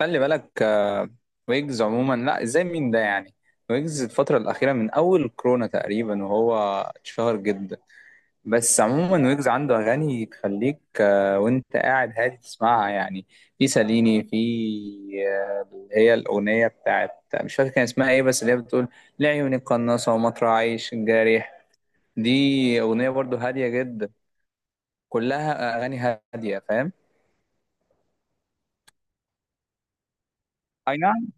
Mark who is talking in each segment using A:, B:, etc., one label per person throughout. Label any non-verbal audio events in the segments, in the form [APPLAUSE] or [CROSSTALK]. A: خلي بالك ويجز عموما، لا ازاي مين ده يعني؟ ويجز الفترة الأخيرة من أول كورونا تقريبا، وهو اتشهر جدا. بس عموما ويجز عنده أغاني تخليك وأنت قاعد هادي تسمعها يعني. في ساليني، في اللي هي الأغنية بتاعت، مش فاكر كان اسمها إيه، بس اللي هي بتقول لعيوني قناصة ومطرح عيش الجارح. دي أغنية برضو هادية جدا. كلها أغاني هادية، فاهم؟ أي نعم.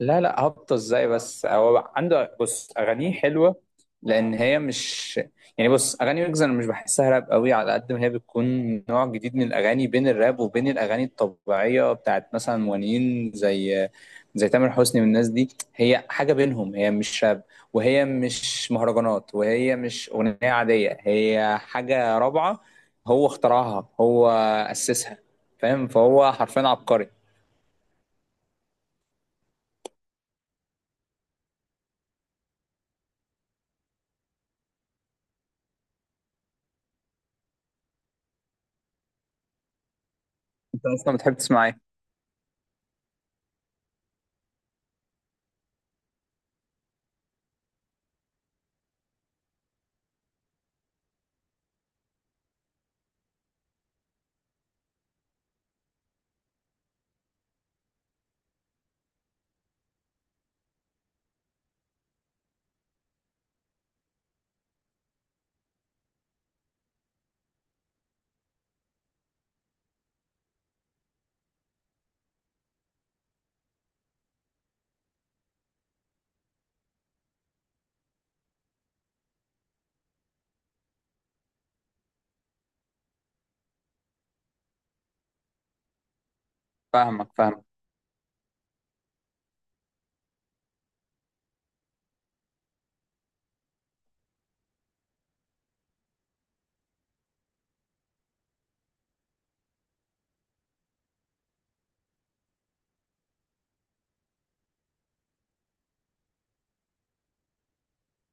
A: لا لا، هبطة ازاي؟ بس هو عنده، بص، اغانيه حلوه لان هي مش، يعني بص، اغاني ويجز انا مش بحسها راب قوي على قد ما هي بتكون نوع جديد من الاغاني بين الراب وبين الاغاني الطبيعيه بتاعت مثلا مغنيين زي زي تامر حسني والناس دي. هي حاجه بينهم، هي مش راب وهي مش مهرجانات وهي مش اغنيه عاديه، هي حاجه رابعه. هو اخترعها، هو اسسها. فاهم؟ فهو حرفيا عبقري. انت اصلا بتحب تسمع ايه؟ فاهمك.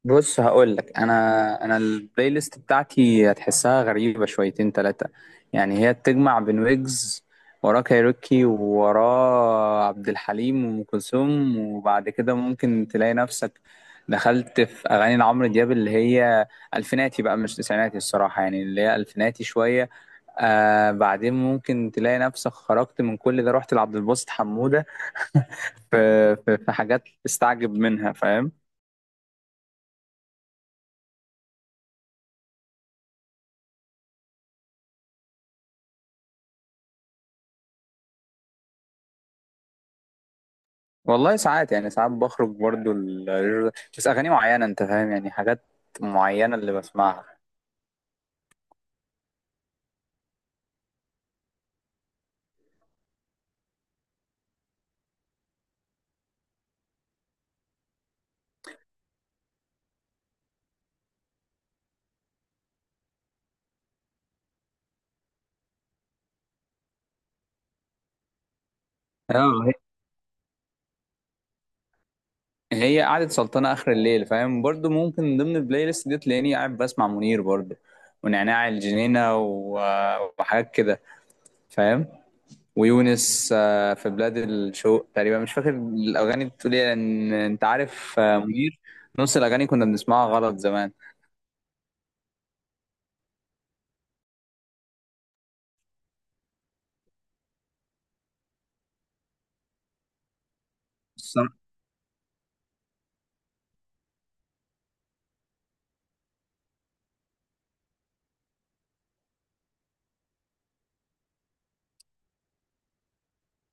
A: بص، هقول لك، انا البلاي ليست بتاعتي هتحسها غريبه شويتين ثلاثه. يعني هي بتجمع بين ويجز، وراه كايروكي، ووراه عبد الحليم وام كلثوم، وبعد كده ممكن تلاقي نفسك دخلت في اغاني لعمرو دياب اللي هي الفيناتي بقى، مش تسعيناتي الصراحه، يعني اللي هي الفيناتي شويه. آه، بعدين ممكن تلاقي نفسك خرجت من كل ده، رحت لعبد الباسط حموده. [LAUGHS] في حاجات تستعجب منها، فاهم؟ والله ساعات، يعني ساعات بخرج برضو بس اغاني معينه انت فاهم، يعني حاجات معينه اللي بسمعها. اه، هي قعدة سلطنة آخر الليل، فاهم؟ برضو ممكن من ضمن البلاي ليست دي تلاقيني قاعد بسمع منير برضو، ونعناع الجنينة وحاجات كده، فاهم؟ ويونس، في بلاد الشوق تقريبا، مش فاكر الأغاني بتقول إيه لأن أنت عارف منير نص الأغاني كنا بنسمعها غلط زمان.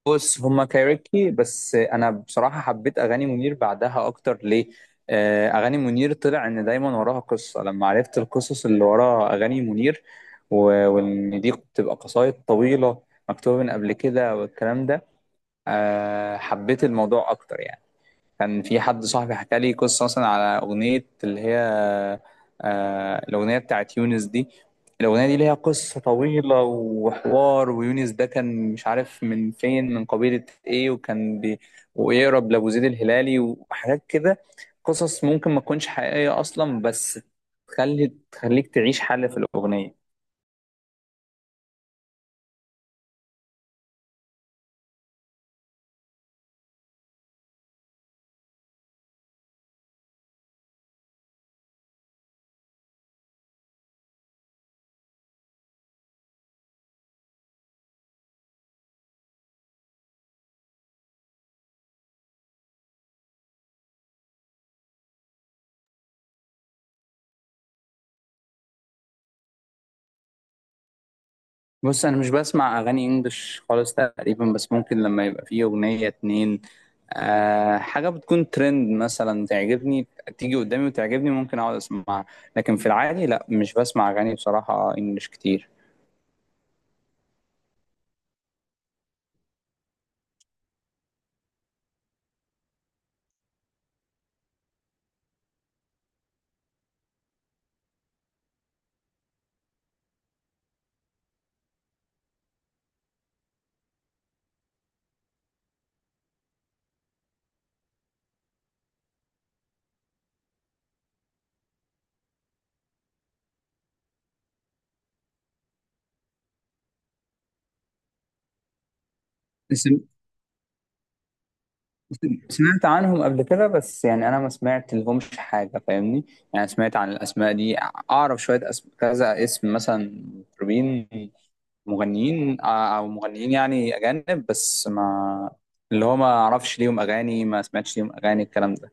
A: بص، هما كايروكي، بس انا بصراحه حبيت اغاني منير بعدها اكتر. ليه؟ اغاني منير طلع ان دايما وراها قصه. لما عرفت القصص اللي ورا اغاني منير، وان دي بتبقى قصايد طويله مكتوبه من قبل كده والكلام ده، حبيت الموضوع اكتر يعني. كان في حد صاحبي حكى لي قصة مثلا على أغنية اللي هي، آه، الأغنية بتاعت يونس دي. الأغنية دي ليها قصة طويلة وحوار، ويونس ده كان مش عارف من فين، من قبيلة إيه، وكان بي ويقرب لأبو زيد الهلالي وحاجات كده. قصص ممكن ما تكونش حقيقية أصلا، بس تخليك تعيش حالة في الأغنية. بص، انا مش بسمع اغاني انجلش خالص تقريبا، بس ممكن لما يبقى فيه اغنية اتنين، أه، حاجة بتكون ترند مثلا تعجبني، تيجي قدامي وتعجبني، ممكن اقعد اسمعها. لكن في العادي لا، مش بسمع اغاني بصراحة انجلش كتير. سم- سمعت عنهم قبل كده، بس يعني انا ما سمعت لهمش حاجة، فاهمني؟ يعني سمعت عن الاسماء دي، اعرف شوية كذا اسم مثلا، مطربين، مغنيين، او مغنيين يعني اجانب، بس ما، اللي هو ما اعرفش ليهم اغاني، ما سمعتش ليهم اغاني الكلام ده.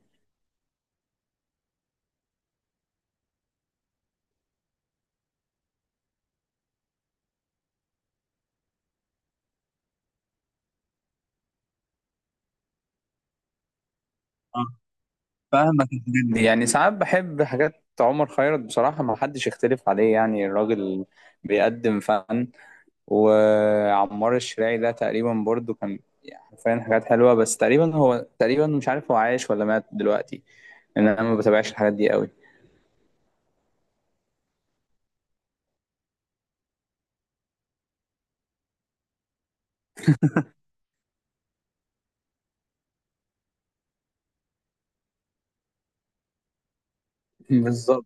A: اه فاهمك. الحاجات دي يعني ساعات بحب حاجات عمر خيرت بصراحة، ما حدش يختلف عليه، يعني الراجل بيقدم فن. وعمار الشراعي ده تقريبا برضو كان، يعني حرفيا حاجات حلوة، بس تقريبا هو، تقريبا مش عارف هو عايش ولا مات دلوقتي لأن أنا ما بتابعش الحاجات دي قوي. بالظبط.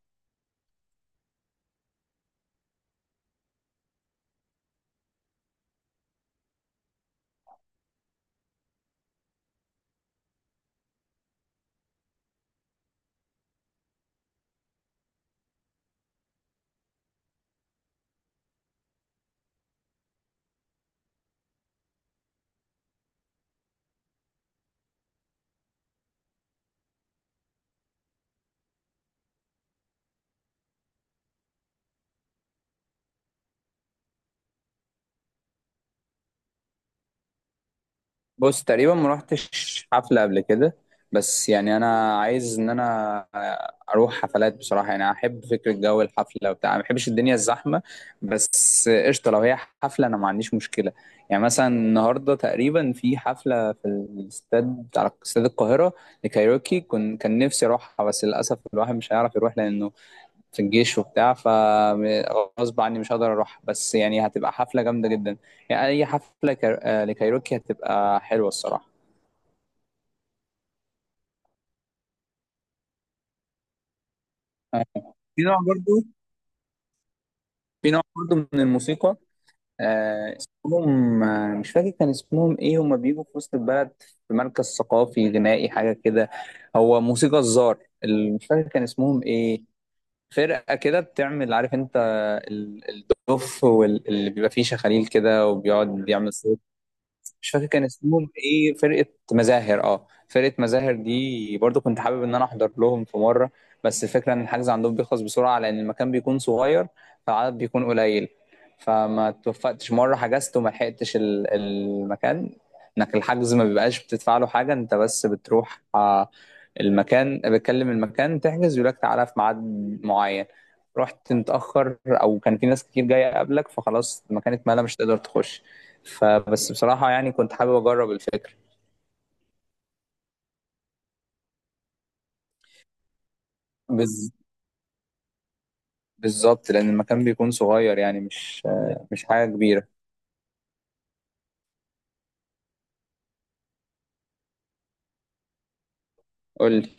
A: بص، تقريبا ما رحتش حفلة قبل كده، بس يعني انا عايز ان انا اروح حفلات بصراحة، يعني احب فكرة جو الحفلة وبتاع، ما بحبش الدنيا الزحمة، بس قشطة لو هي حفلة انا ما عنديش مشكلة. يعني مثلا النهاردة تقريبا في حفلة في الاستاد، بتاع استاد القاهرة، لكايروكي، كن كان نفسي اروحها بس للاسف الواحد مش هيعرف يروح لانه في الجيش وبتاع، فغصب عني مش هقدر اروح، بس يعني هتبقى حفلة جامدة جدا. يعني اي حفلة كار... آه، لكايروكي هتبقى حلوة الصراحة. آه، في نوع برضو، في نوع برضو من الموسيقى، اسمهم، آه، مش فاكر كان اسمهم ايه. هما بيجوا في وسط البلد، في مركز ثقافي غنائي حاجة كده. هو موسيقى الزار. مش فاكر كان اسمهم ايه، فرقة كده بتعمل، عارف انت، ال- الدف واللي بيبقى فيه شخاليل كده وبيقعد يعمل صوت. مش فاكر كان اسمهم ايه فرقة. مزاهر، اه، فرقة مزاهر دي برضو كنت حابب ان انا احضر لهم في مرة، بس الفكرة ان الحجز عندهم بيخلص بسرعة لان المكان بيكون صغير، فالعدد بيكون قليل. فما توفقتش مرة، حجزت وما لحقتش المكان. انك الحجز ما بيبقاش بتدفع له حاجة انت، بس بتروح، المكان بتكلم المكان تحجز يقول لك تعالى في ميعاد معين، رحت متأخر او كان في ناس كتير جاية قبلك، فخلاص المكان اتملى مش هتقدر تخش. فبس بصراحة يعني كنت حابب أجرب الفكرة. بز... بالظبط، لأن المكان بيكون صغير، يعني مش، مش حاجة كبيرة. قول لي.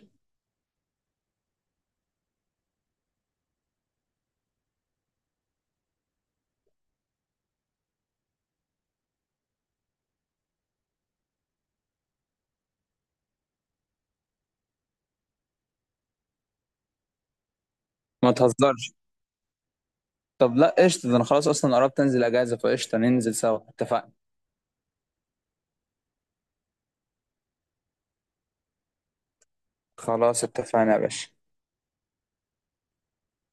A: ما تهزرش. طب لا قشطة، ده أنا خلاص أصلا قربت أنزل أجازة، فقشطة ننزل سوا، اتفقنا. خلاص اتفقنا يا باشا.